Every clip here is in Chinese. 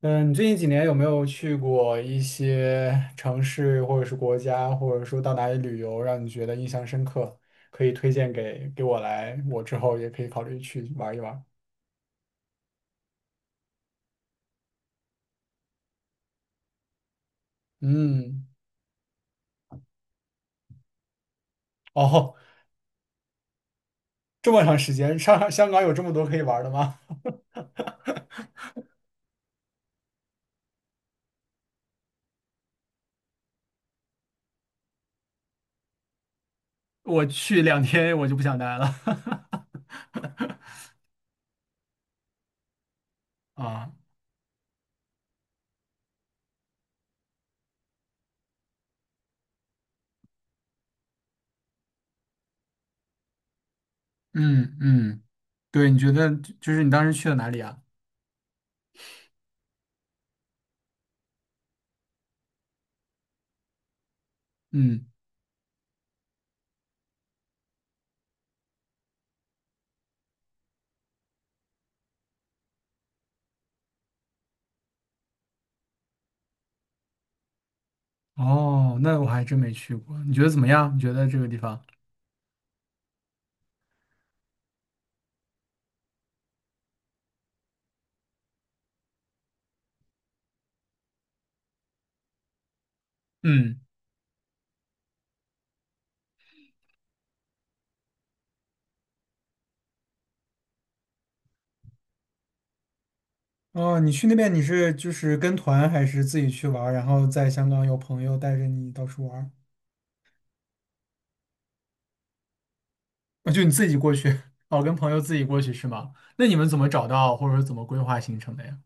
嗯，你最近几年有没有去过一些城市，或者是国家，或者说到哪里旅游，让你觉得印象深刻？可以推荐给我来，我之后也可以考虑去玩一玩。嗯，哦，这么长时间，上香港有这么多可以玩的吗？我去2天我就不想待了。啊，嗯嗯，对，你觉得就是你当时去了哪里啊？嗯，哦，那我还真没去过，你觉得怎么样？你觉得这个地方？嗯。哦，你去那边，你是就是跟团还是自己去玩儿，然后在香港有朋友带着你到处玩儿？啊，就你自己过去，哦，跟朋友自己过去是吗？那你们怎么找到或者说怎么规划行程的呀？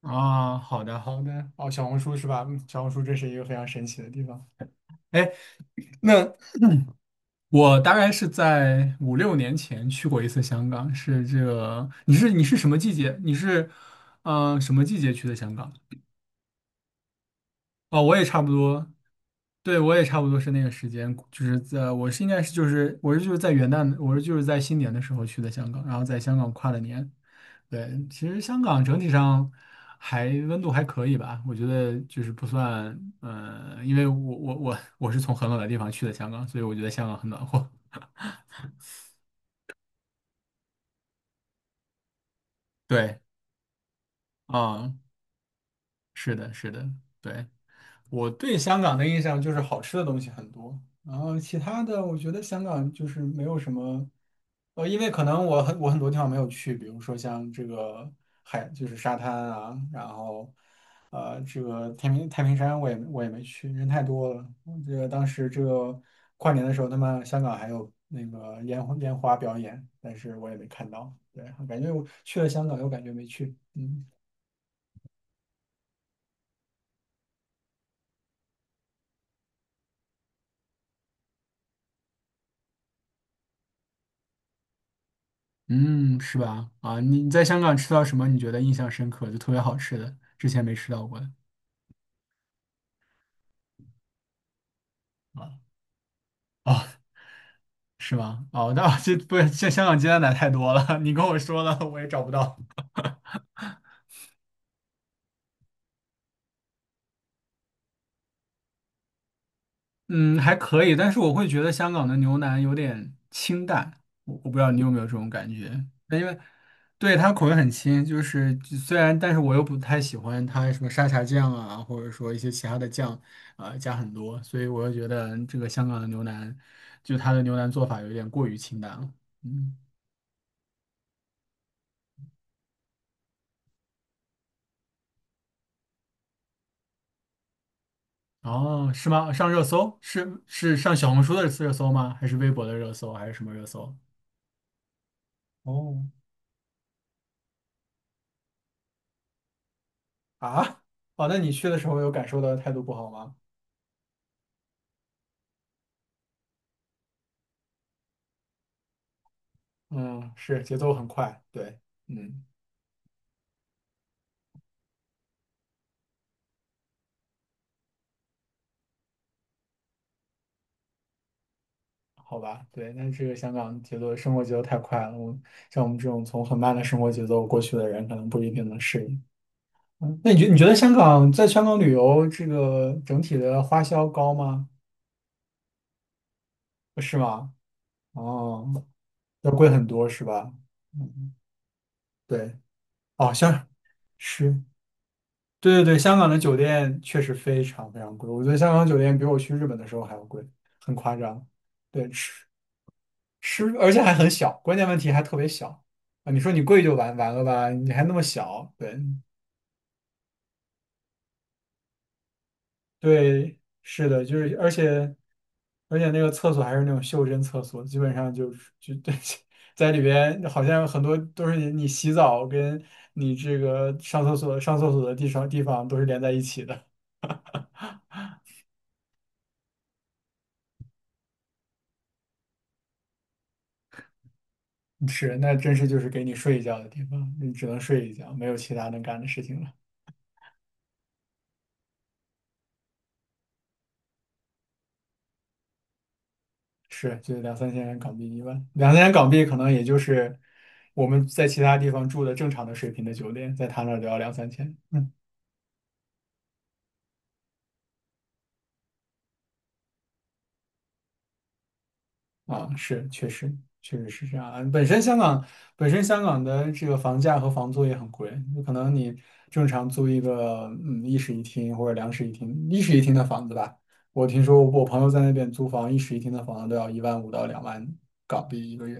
啊，好的好的，哦，小红书是吧？嗯，小红书这是一个非常神奇的地方。哎，那我大概是在五六年前去过一次香港，是这个，你是什么季节？你是，嗯、什么季节去的香港？哦，我也差不多，对，我也差不多是那个时间，就是在我是应该是就是我是就是在元旦，我是就是在新年的时候去的香港，然后在香港跨了年。对，其实香港整体上还温度还可以吧，我觉得就是不算。因为我是从很冷的地方去的香港，所以我觉得香港很暖和。对，嗯，是的，是的，对，我对香港的印象就是好吃的东西很多，然后其他的我觉得香港就是没有什么。因为可能我很多地方没有去，比如说像这个海就是沙滩啊，然后这个太平山我也没去，人太多了。我这个当时这个跨年的时候，他们香港还有那个烟花表演，但是我也没看到。对，感觉我去了香港又感觉没去。嗯。嗯，是吧？啊，你在香港吃到什么？你觉得印象深刻，就特别好吃的，之前没吃到过的。啊，哦，是吗？哦，那 这不，这香港鸡蛋奶太多了，你跟我说了，我也找不到。嗯，还可以，但是我会觉得香港的牛腩有点清淡，我不知道你有没有这种感觉。因为对它口味很轻，就是就虽然，但是我又不太喜欢它什么沙茶酱啊，或者说一些其他的酱，加很多，所以我又觉得这个香港的牛腩，就它的牛腩做法有点过于清淡了。嗯，哦，是吗？上热搜是上小红书的热搜吗？还是微博的热搜？还是什么热搜？哦，啊，哦，那你去的时候有感受到态度不好吗？嗯，是节奏很快，对，嗯，好吧，对，但这个香港节奏生活节奏太快了，我像我们这种从很慢的生活节奏过去的人，可能不一定能适应。嗯，那你觉得香港在香港旅游这个整体的花销高吗？是吗？哦，要贵很多是吧？嗯，对，哦，是，对对对，香港的酒店确实非常非常贵，我觉得香港酒店比我去日本的时候还要贵，很夸张。对，是，而且还很小，关键问题还特别小。啊！你说你贵就完了吧？你还那么小，对对，是的，就是而且那个厕所还是那种袖珍厕所，基本上就是就 对在里边，好像很多都是你洗澡跟你这个上厕所的地方都是连在一起的。是，那真是就是给你睡一觉的地方，你只能睡一觉，没有其他能干的事情了。是，就两三千元港币一万，两三千港币可能也就是我们在其他地方住的正常的水平的酒店，在他那儿都要两三千。嗯，啊，是，确实，确实是这样啊。本身香港的这个房价和房租也很贵，就可能你正常租一个一室一厅或者两室一厅，一室一厅的房子吧，我听说我朋友在那边租房，一室一厅的房子都要一万五到2万港币一个月。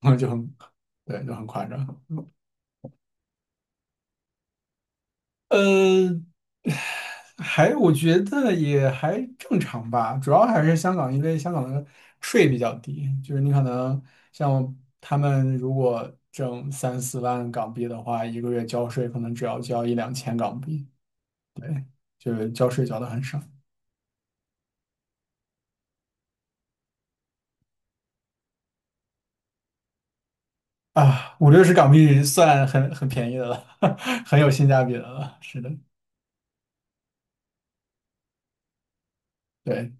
就很，对，就很夸张。呃，还我觉得也还正常吧，主要还是香港，因为香港的税比较低，就是你可能像他们如果挣三四万港币的话，一个月交税可能只要交一两千港币。对，就是交税交的很少啊，五六十港币算很便宜的了，很有性价比的了，是的，对。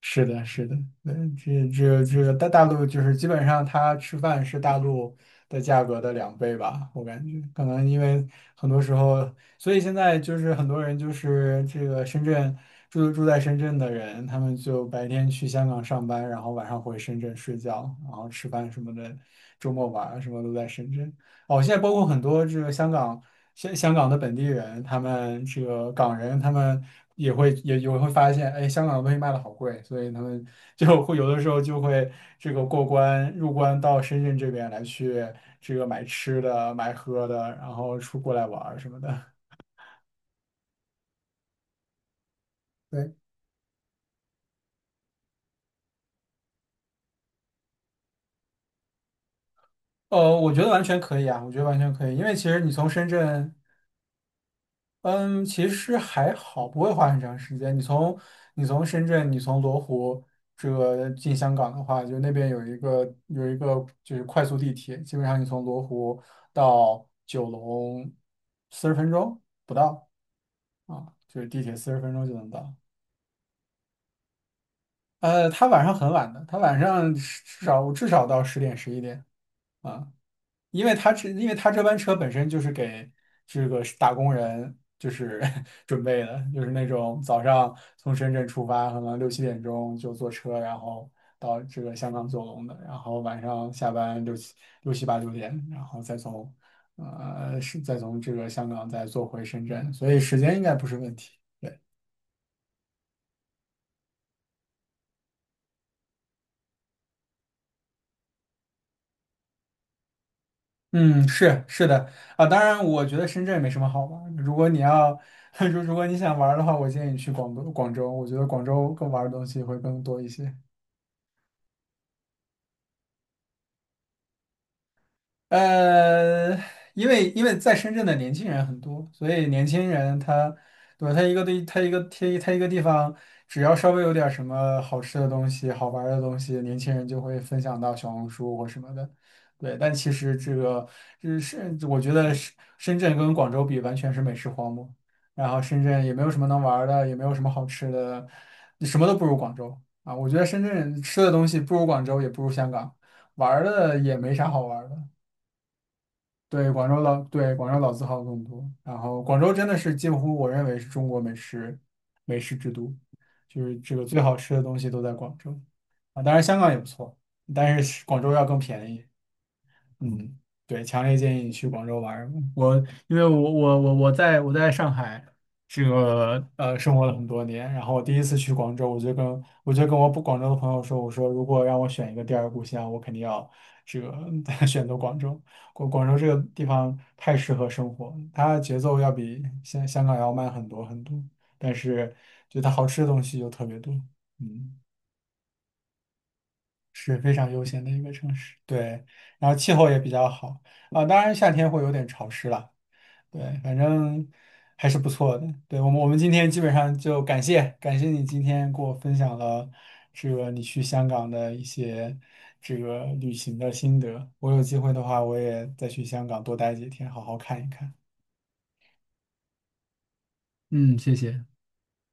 是的，是的，嗯，这个大陆就是基本上它吃饭是大陆的价格的2倍吧，我感觉可能因为很多时候，所以现在就是很多人就是这个深圳住在深圳的人，他们就白天去香港上班，然后晚上回深圳睡觉，然后吃饭什么的，周末玩儿什么都在深圳。哦，现在包括很多这个香港的本地人，他们这个港人，他们也会发现，哎，香港的东西卖的好贵，所以他们 有的时候就会这个过关入关到深圳这边来去这个买吃的、买喝的，然后出过来玩儿什么的。对，我觉得完全可以啊，我觉得完全可以，因为其实你从深圳嗯，其实还好，不会花很长时间。你从深圳，你从罗湖这个进香港的话，就那边有一个就是快速地铁，基本上你从罗湖到九龙四十分钟不到啊，就是地铁四十分钟就能到。它晚上很晚的，它晚上至少至少到10点11点啊。因为他这班车本身就是给这个打工人就是 准备的，就是那种早上从深圳出发，可能六七点钟就坐车，然后到这个香港九龙的，然后晚上下班六七八九点，然后再从这个香港再坐回深圳，所以时间应该不是问题。嗯，是的啊，当然，我觉得深圳没什么好玩儿如果你要，如果你想玩儿的话，我建议你去广东、广州。我觉得广州更玩儿的东西会更多一些。呃，因为在深圳的年轻人很多，所以年轻人他，对吧？他一个地，他一个他一他一个地方，只要稍微有点什么好吃的东西、好玩儿的东西，年轻人就会分享到小红书或什么的。对，但其实这个，这是我觉得深圳跟广州比，完全是美食荒漠。然后深圳也没有什么能玩儿的，也没有什么好吃的，什么都不如广州啊。我觉得深圳吃的东西不如广州，也不如香港，玩儿的也没啥好玩儿的。对，广州老，对，广州老字号更多。然后广州真的是近乎我认为是中国美食之都，就是这个最好吃的东西都在广州啊。当然香港也不错，但是广州要更便宜。嗯，对，强烈建议你去广州玩儿，我因为我在我在上海，这个生活了很多年，然后我第一次去广州，我就跟我不广州的朋友说，我说如果让我选一个第二故乡，我肯定要这个 选择广州。广州这个地方太适合生活，它节奏要比香港要慢很多很多，但是就它好吃的东西又特别多。嗯。是非常悠闲的一个城市，对，然后气候也比较好啊，当然夏天会有点潮湿了，对，反正还是不错的。对，我们今天基本上就感谢感谢你今天给我分享了这个你去香港的一些这个旅行的心得，我有机会的话我也再去香港多待几天，好好看一看。嗯，谢谢。